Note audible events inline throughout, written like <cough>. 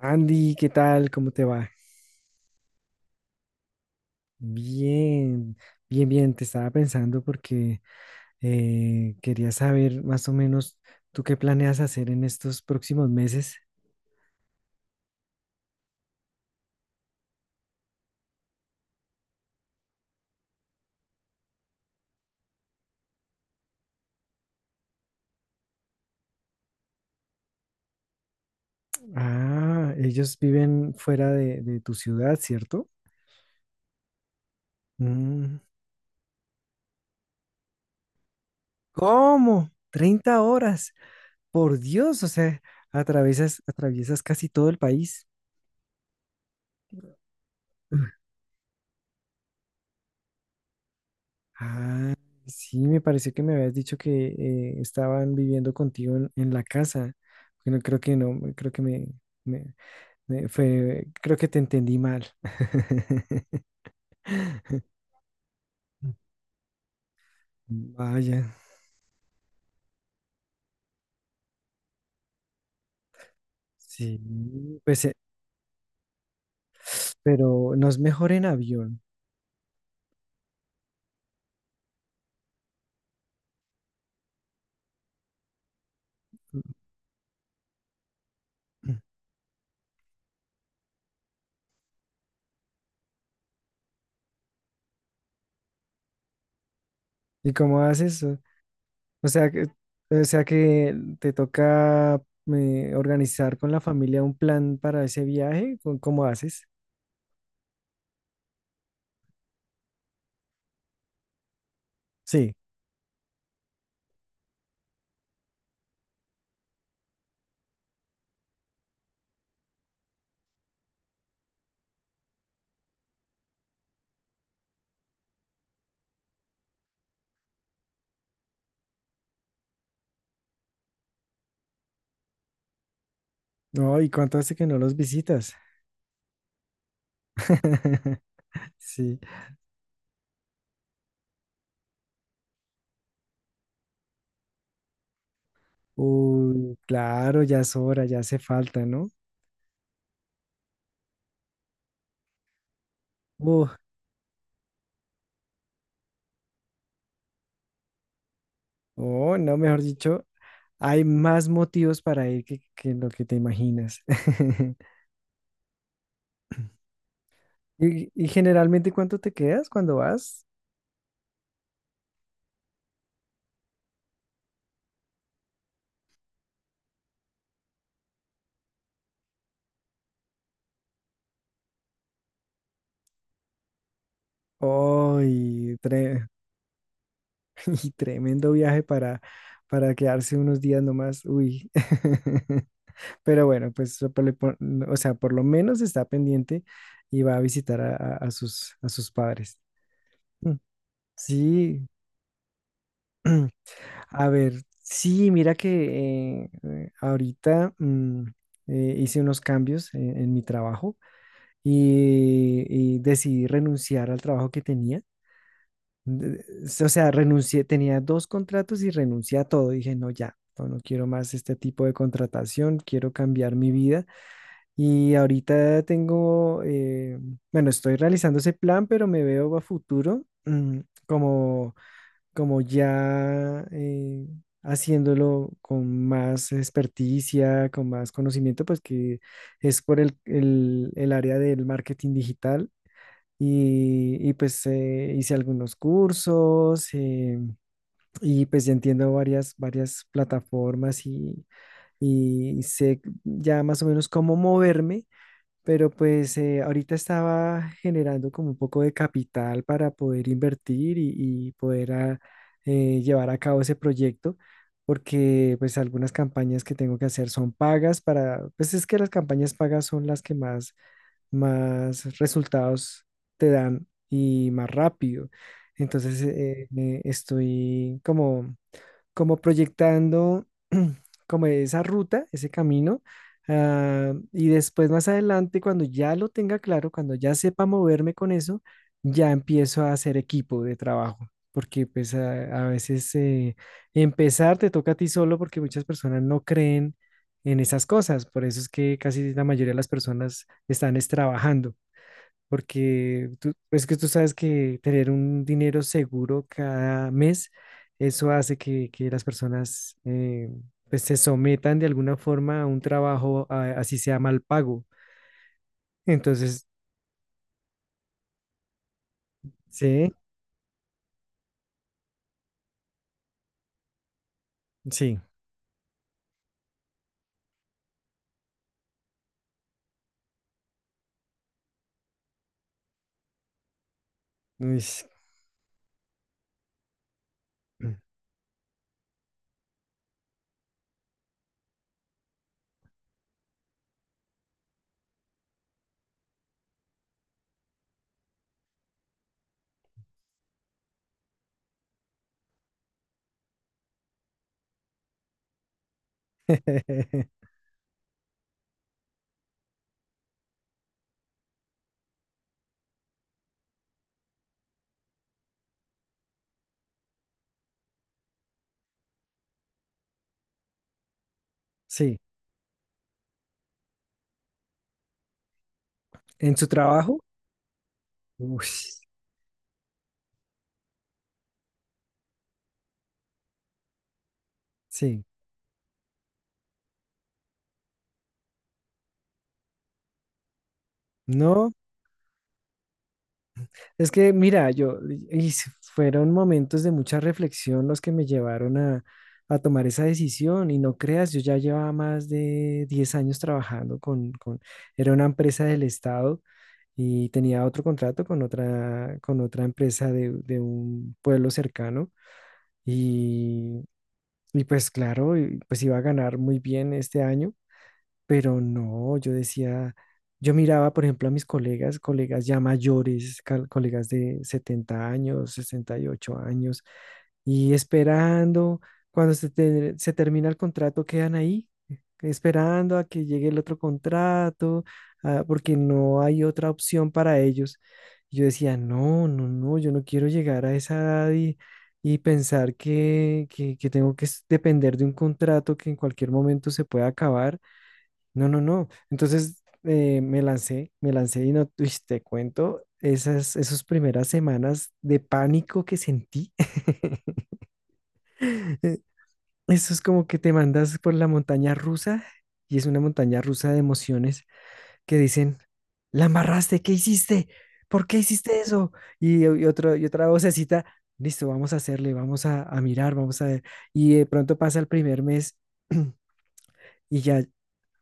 Andy, ¿qué tal? ¿Cómo te va? Bien, bien, bien. Te estaba pensando porque quería saber más o menos tú qué planeas hacer en estos próximos meses. Ah, ellos viven fuera de tu ciudad, ¿cierto? Mm. ¿Cómo? 30 horas. Por Dios, o sea, atraviesas, atraviesas casi todo el país. Ah, sí, me pareció que me habías dicho que estaban viviendo contigo en la casa. Bueno, creo que no, creo que me- creo que te entendí mal. <laughs> Vaya, sí, pues, pero no es mejor en avión. <clears throat> ¿Y cómo haces? O sea que, o sea que te toca organizar con la familia un plan para ese viaje. ¿Cómo haces? Sí. No, ¿y cuánto hace que no los visitas? <laughs> Sí. Uy, claro, ya es hora, ya hace falta, ¿no? Uf, oh, no, mejor dicho, hay más motivos para ir que lo que te imaginas. <laughs> Y generalmente, ¿cuánto te quedas cuando vas? Uy, <laughs> y tremendo viaje para quedarse unos días nomás. Uy. <laughs> Pero bueno, pues, o sea, por lo menos está pendiente y va a visitar a sus padres. Mm. Sí. <clears throat> A ver, sí, mira que ahorita hice unos cambios en mi trabajo y decidí renunciar al trabajo que tenía. De- O sea, renuncié, tenía dos contratos y renuncié a todo. Dije, no, ya, no quiero más este tipo de contratación, quiero cambiar mi vida. Y ahorita tengo, bueno, estoy realizando ese plan, pero me veo a futuro como como ya haciéndolo con más experticia, con más conocimiento, pues que es por el área del marketing digital. Y, pues hice algunos cursos, y pues ya entiendo varias plataformas, y sé ya más o menos cómo moverme, pero pues ahorita estaba generando como un poco de capital para poder invertir y poder llevar a cabo ese proyecto, porque pues algunas campañas que tengo que hacer son pagas pues es que las campañas pagas son las que más resultados te dan y más rápido. Entonces estoy como proyectando <clears throat> como esa ruta, ese camino. Y después más adelante, cuando ya lo tenga claro, cuando ya sepa moverme con eso, ya empiezo a hacer equipo de trabajo, porque pues a veces empezar te toca a ti solo porque muchas personas no creen en esas cosas. Por eso es que casi la mayoría de las personas están es trabajando, porque tú, es que tú sabes que tener un dinero seguro cada mes, eso hace que las personas pues se sometan de alguna forma a un trabajo, así sea mal pago. Entonces, sí, sí, uy, <laughs> sí, en su trabajo, uy, sí, no. Es que, mira, fueron momentos de mucha reflexión los que me llevaron a tomar esa decisión. Y no creas, yo ya llevaba más de 10 años trabajando. Era una empresa del Estado y tenía otro contrato con otra empresa de un pueblo cercano. Y, y pues claro, y pues iba a ganar muy bien este año. Pero no, yo decía, yo miraba, por ejemplo, a mis colegas, colegas ya mayores, colegas de 70 años, 68 años, y esperando, cuando se termina el contrato, quedan ahí, esperando a que llegue el otro contrato, porque no hay otra opción para ellos. Yo decía, no, no, no, yo no quiero llegar a esa edad y pensar que tengo que depender de un contrato que en cualquier momento se pueda acabar. No, no, no. Entonces me lancé y no, uy, te cuento, esas, esas primeras semanas de pánico que sentí. <laughs> Eh, Eso es como que te mandas por la montaña rusa, y es una montaña rusa de emociones que dicen: "La amarraste, ¿qué hiciste? ¿Por qué hiciste eso?". Y otra vocecita: "Listo, vamos a hacerle, vamos a mirar, vamos a ver". Y de pronto pasa el primer mes <clears throat> y ya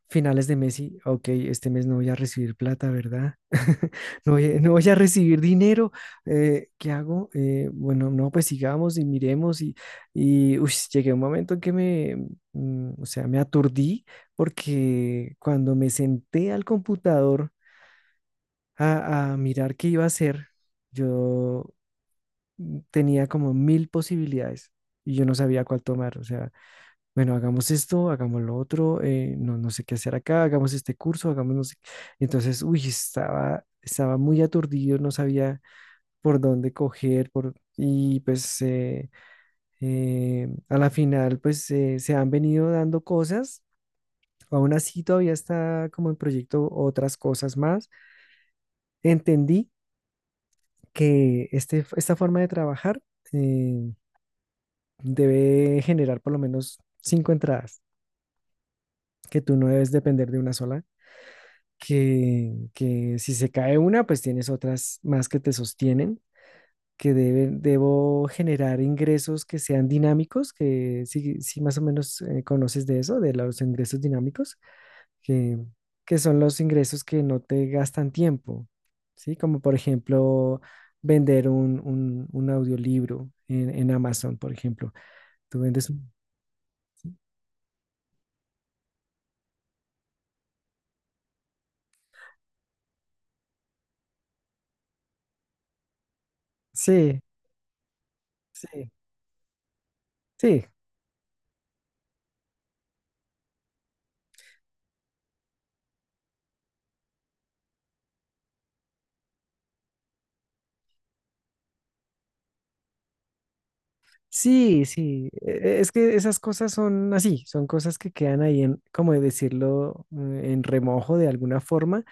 finales de mes y, ok, este mes no voy a recibir plata, ¿verdad? <laughs> No voy a recibir dinero. ¿Qué hago? Bueno, no, pues sigamos y miremos y uy, llegué a un momento en que o sea, me aturdí, porque cuando me senté al computador a mirar qué iba a hacer, yo tenía como 1.000 posibilidades y yo no sabía cuál tomar. O sea, bueno, hagamos esto, hagamos lo otro, no, no sé qué hacer acá, hagamos este curso, hagamos no sé qué. Entonces, uy, estaba, estaba muy aturdido, no sabía por dónde coger, y pues a la final, pues se han venido dando cosas, aún así todavía está como en proyecto otras cosas más. Entendí que esta forma de trabajar eh, debe generar por lo menos cinco entradas, que tú no debes depender de una sola, que si se cae una, pues tienes otras más que te sostienen, que debo generar ingresos que sean dinámicos, que si más o menos conoces de eso, de los ingresos dinámicos, que, que son los ingresos que no te gastan tiempo, ¿sí? Como por ejemplo vender un audiolibro en Amazon, por ejemplo. Tú vendes un... Sí, sí, sí. Sí, sí, es que esas cosas son así, son cosas que quedan ahí como de decirlo, en remojo de alguna forma,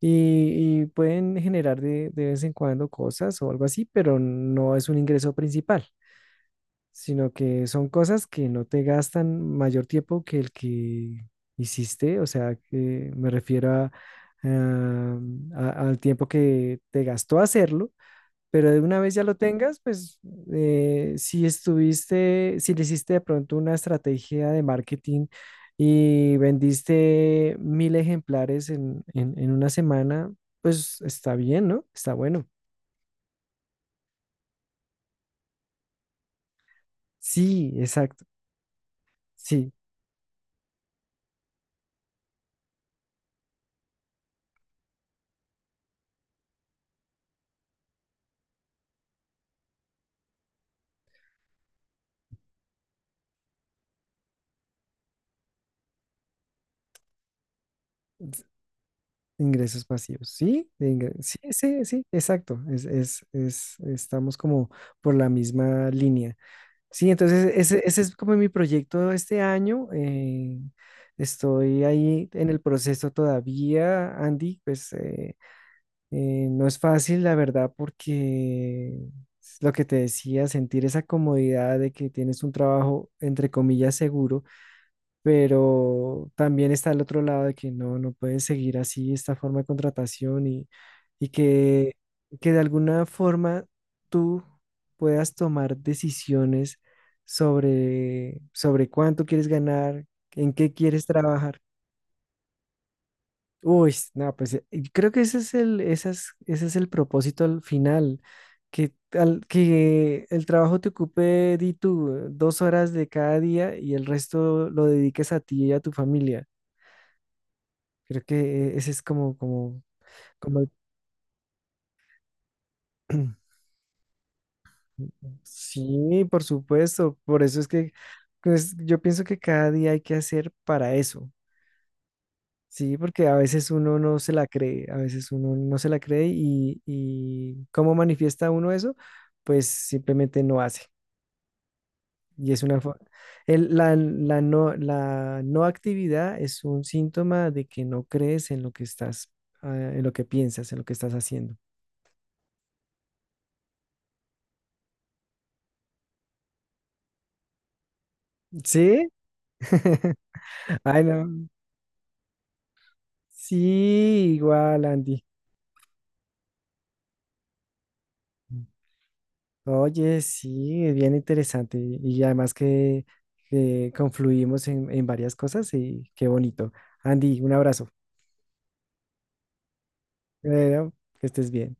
y pueden generar de vez en cuando cosas o algo así, pero no es un ingreso principal, sino que son cosas que no te gastan mayor tiempo que el que hiciste, o sea, que me refiero ah, al tiempo que te gastó hacerlo. Pero de una vez ya lo tengas, pues si estuviste, si le hiciste de pronto una estrategia de marketing y vendiste 1.000 ejemplares en una semana, pues está bien, ¿no? Está bueno. Sí, exacto. Sí, ingresos pasivos. Sí, sí, sí, sí, exacto. Es, estamos como por la misma línea. Sí, entonces ese es como mi proyecto este año. Estoy ahí en el proceso todavía, Andy. Pues no es fácil, la verdad, porque es lo que te decía: sentir esa comodidad de que tienes un trabajo, entre comillas, seguro, pero también está el otro lado de que no pueden seguir así esta forma de contratación, y que de alguna forma tú puedas tomar decisiones sobre cuánto quieres ganar, en qué quieres trabajar. Uy, no, pues y creo que ese es el propósito al final, que el trabajo te ocupe, di tú, 2 horas de cada día, y el resto lo dediques a ti y a tu familia. Creo que ese es como, <clears throat> Sí, por supuesto. Por eso es que pues, yo pienso que cada día hay que hacer para eso. Sí, porque a veces uno no se la cree, a veces uno no se la cree, y ¿cómo manifiesta uno eso? Pues simplemente no hace. Y es una. La no actividad es un síntoma de que no crees en lo que estás, en lo que piensas, en lo que estás haciendo. ¿Sí? <laughs> Ay, no. Sí, igual, Andy. Oye, sí, es bien interesante. Y además que confluimos en varias cosas, y qué bonito. Andy, un abrazo. Bueno, que estés bien.